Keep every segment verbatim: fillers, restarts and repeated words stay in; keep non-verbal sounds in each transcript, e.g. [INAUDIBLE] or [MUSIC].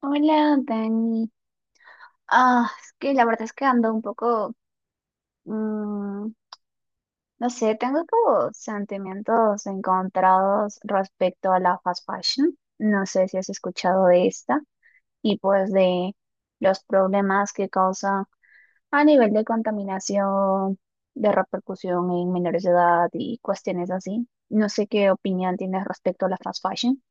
Hola, Dani. Ah, es que la verdad es que ando un poco, mm, no sé, tengo como sentimientos encontrados respecto a la fast fashion. No sé si has escuchado de esta y pues de los problemas que causa a nivel de contaminación, de repercusión en menores de edad y cuestiones así. No sé qué opinión tienes respecto a la fast fashion.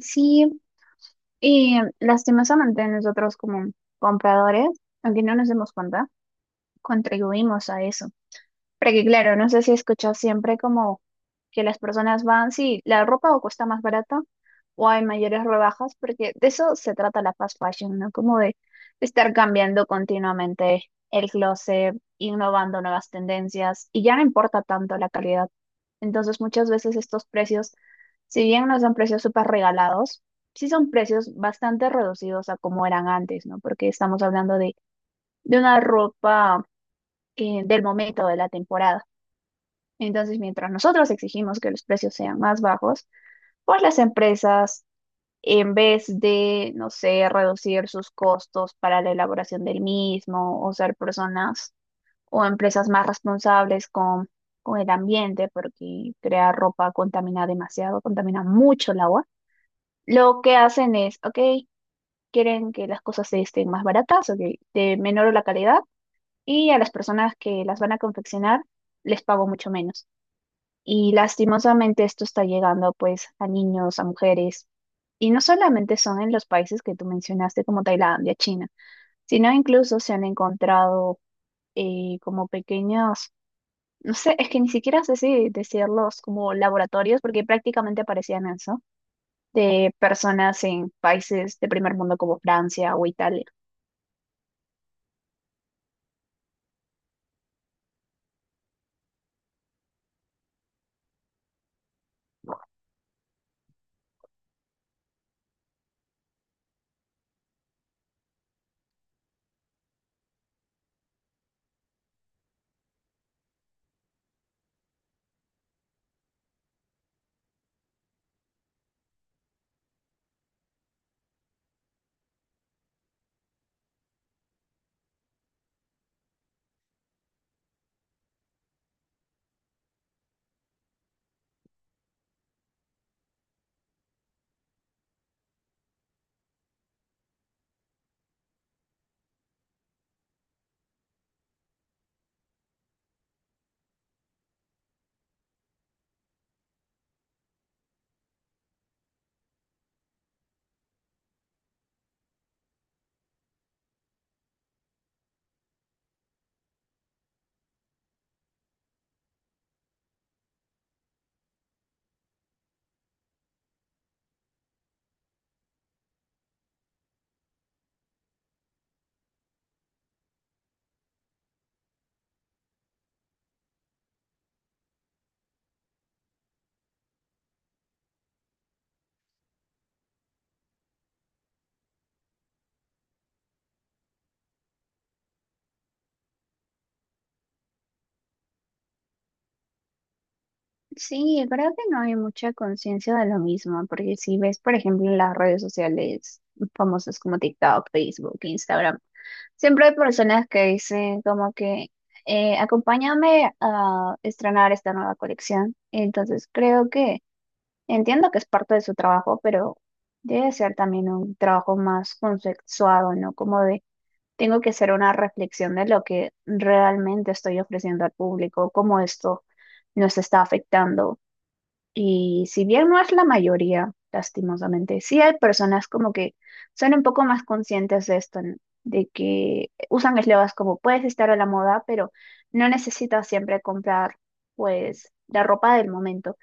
Sí. Y lastimosamente nosotros como compradores, aunque no nos demos cuenta, contribuimos a eso. Porque claro, no sé si he escuchado siempre como que las personas van, sí, la ropa o cuesta más barata o hay mayores rebajas, porque de eso se trata la fast fashion, ¿no? Como de estar cambiando continuamente el closet, innovando nuevas tendencias y ya no importa tanto la calidad. Entonces muchas veces estos precios, si bien no son precios súper regalados, sí son precios bastante reducidos a como eran antes, ¿no? Porque estamos hablando de, de una ropa eh, del momento de la temporada. Entonces, mientras nosotros exigimos que los precios sean más bajos, pues las empresas, en vez de, no sé, reducir sus costos para la elaboración del mismo o ser personas o empresas más responsables con, con el ambiente, porque crear ropa contamina demasiado, contamina mucho el agua, lo que hacen es, ok, quieren que las cosas estén más baratas, ok, de menor la calidad, y a las personas que las van a confeccionar les pago mucho menos. Y lastimosamente esto está llegando pues a niños, a mujeres. Y no solamente son en los países que tú mencionaste como Tailandia, China, sino incluso se han encontrado eh, como pequeños, no sé, es que ni siquiera sé si decirlos como laboratorios, porque prácticamente parecían eso, de personas en países de primer mundo como Francia o Italia. Sí, creo que no hay mucha conciencia de lo mismo, porque si ves, por ejemplo, en las redes sociales famosas como TikTok, Facebook, Instagram, siempre hay personas que dicen como que eh, acompáñame a estrenar esta nueva colección. Entonces, creo que entiendo que es parte de su trabajo, pero debe ser también un trabajo más consensuado, ¿no? Como de, tengo que hacer una reflexión de lo que realmente estoy ofreciendo al público, cómo esto nos está afectando y si bien no es la mayoría, lastimosamente, sí hay personas como que son un poco más conscientes de esto, ¿no? De que usan eslogans como puedes estar a la moda, pero no necesitas siempre comprar pues la ropa del momento.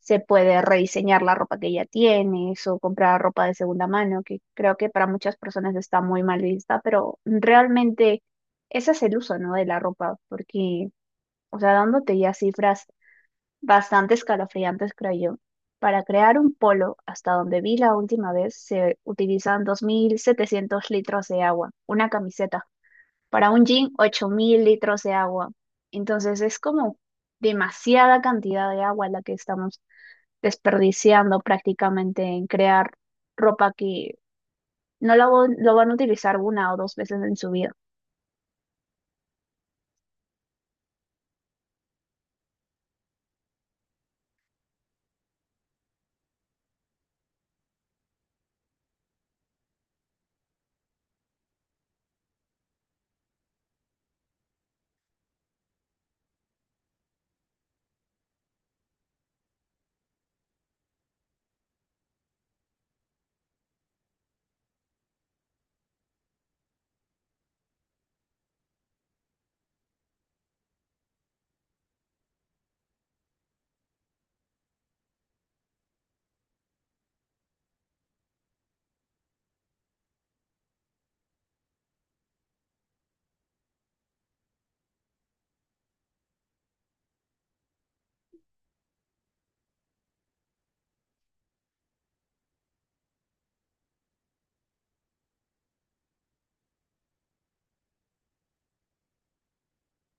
Se puede rediseñar la ropa que ya tienes o comprar ropa de segunda mano, que creo que para muchas personas está muy mal vista, pero realmente ese es el uso, ¿no? De la ropa, porque, o sea, dándote ya cifras bastante escalofriantes, creo yo. Para crear un polo, hasta donde vi la última vez, se utilizan dos mil setecientos litros de agua, una camiseta. Para un jean, ocho mil litros de agua. Entonces es como demasiada cantidad de agua la que estamos desperdiciando prácticamente en crear ropa que no la, vo- lo van a utilizar una o dos veces en su vida.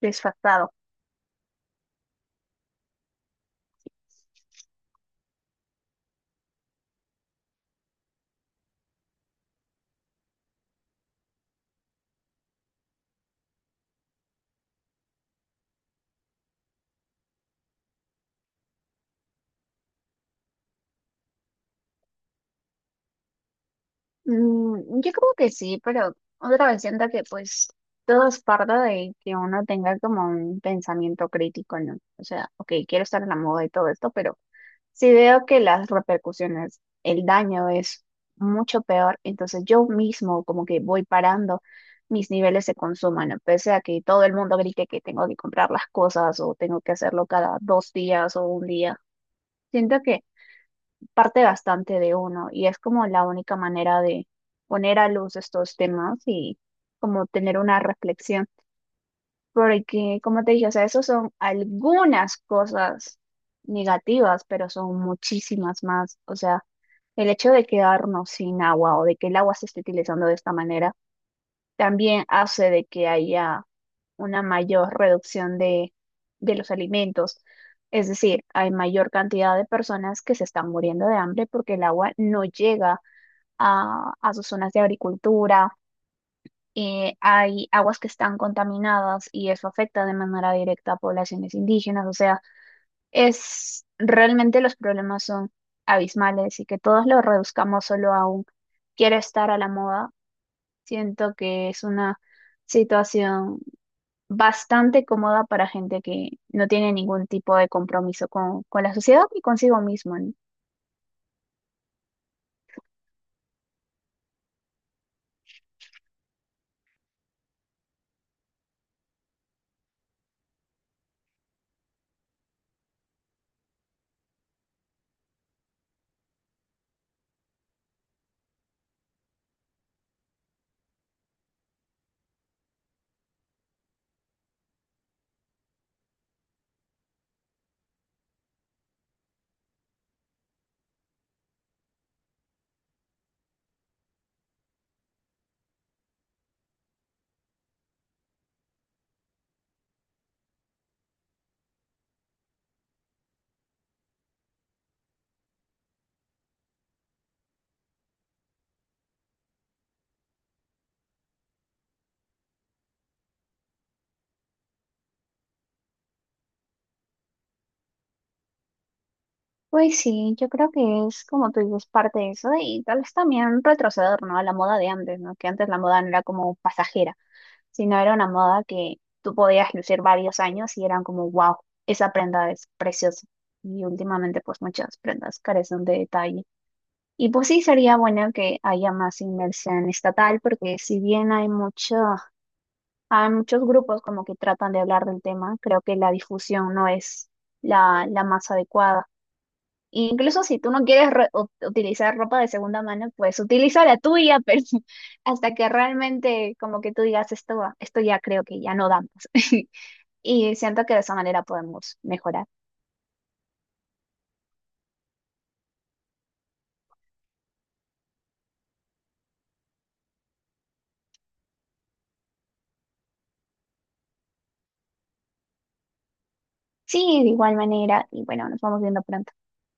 Desfasado. Mm, yo creo que sí, pero otra vez siento que pues todo es parte de que uno tenga como un pensamiento crítico, ¿no? O sea, ok, quiero estar en la moda y todo esto, pero si veo que las repercusiones, el daño es mucho peor, entonces yo mismo como que voy parando mis niveles de consumo, ¿no? Pese a que todo el mundo grite que tengo que comprar las cosas o tengo que hacerlo cada dos días o un día. Siento que parte bastante de uno y es como la única manera de poner a luz estos temas y como tener una reflexión, porque como te dije, o sea, eso son algunas cosas negativas, pero son muchísimas más, o sea, el hecho de quedarnos sin agua o de que el agua se esté utilizando de esta manera también hace de que haya una mayor reducción de, de los alimentos. Es decir, hay mayor cantidad de personas que se están muriendo de hambre porque el agua no llega a, a sus zonas de agricultura. Eh, hay aguas que están contaminadas y eso afecta de manera directa a poblaciones indígenas. O sea, es realmente los problemas son abismales y que todos los reduzcamos solo a un quiero estar a la moda. Siento que es una situación bastante cómoda para gente que no tiene ningún tipo de compromiso con, con la sociedad y consigo mismo, ¿no? Pues sí, yo creo que es como tú dices, parte de eso y tal vez también retroceder, ¿no? A la moda de antes, ¿no? Que antes la moda no era como pasajera, sino era una moda que tú podías lucir varios años y eran como, wow, esa prenda es preciosa. Y últimamente pues muchas prendas carecen de detalle. Y pues sí, sería bueno que haya más inversión estatal, porque si bien hay mucho hay muchos grupos como que tratan de hablar del tema. Creo que la difusión no es la, la más adecuada. Incluso si tú no quieres re- ut- utilizar ropa de segunda mano, pues utiliza la tuya, [LAUGHS] pero hasta que realmente como que tú digas esto, esto ya creo que ya no damos. [LAUGHS] Y siento que de esa manera podemos mejorar. Sí, de igual manera. Y bueno, nos vamos viendo pronto.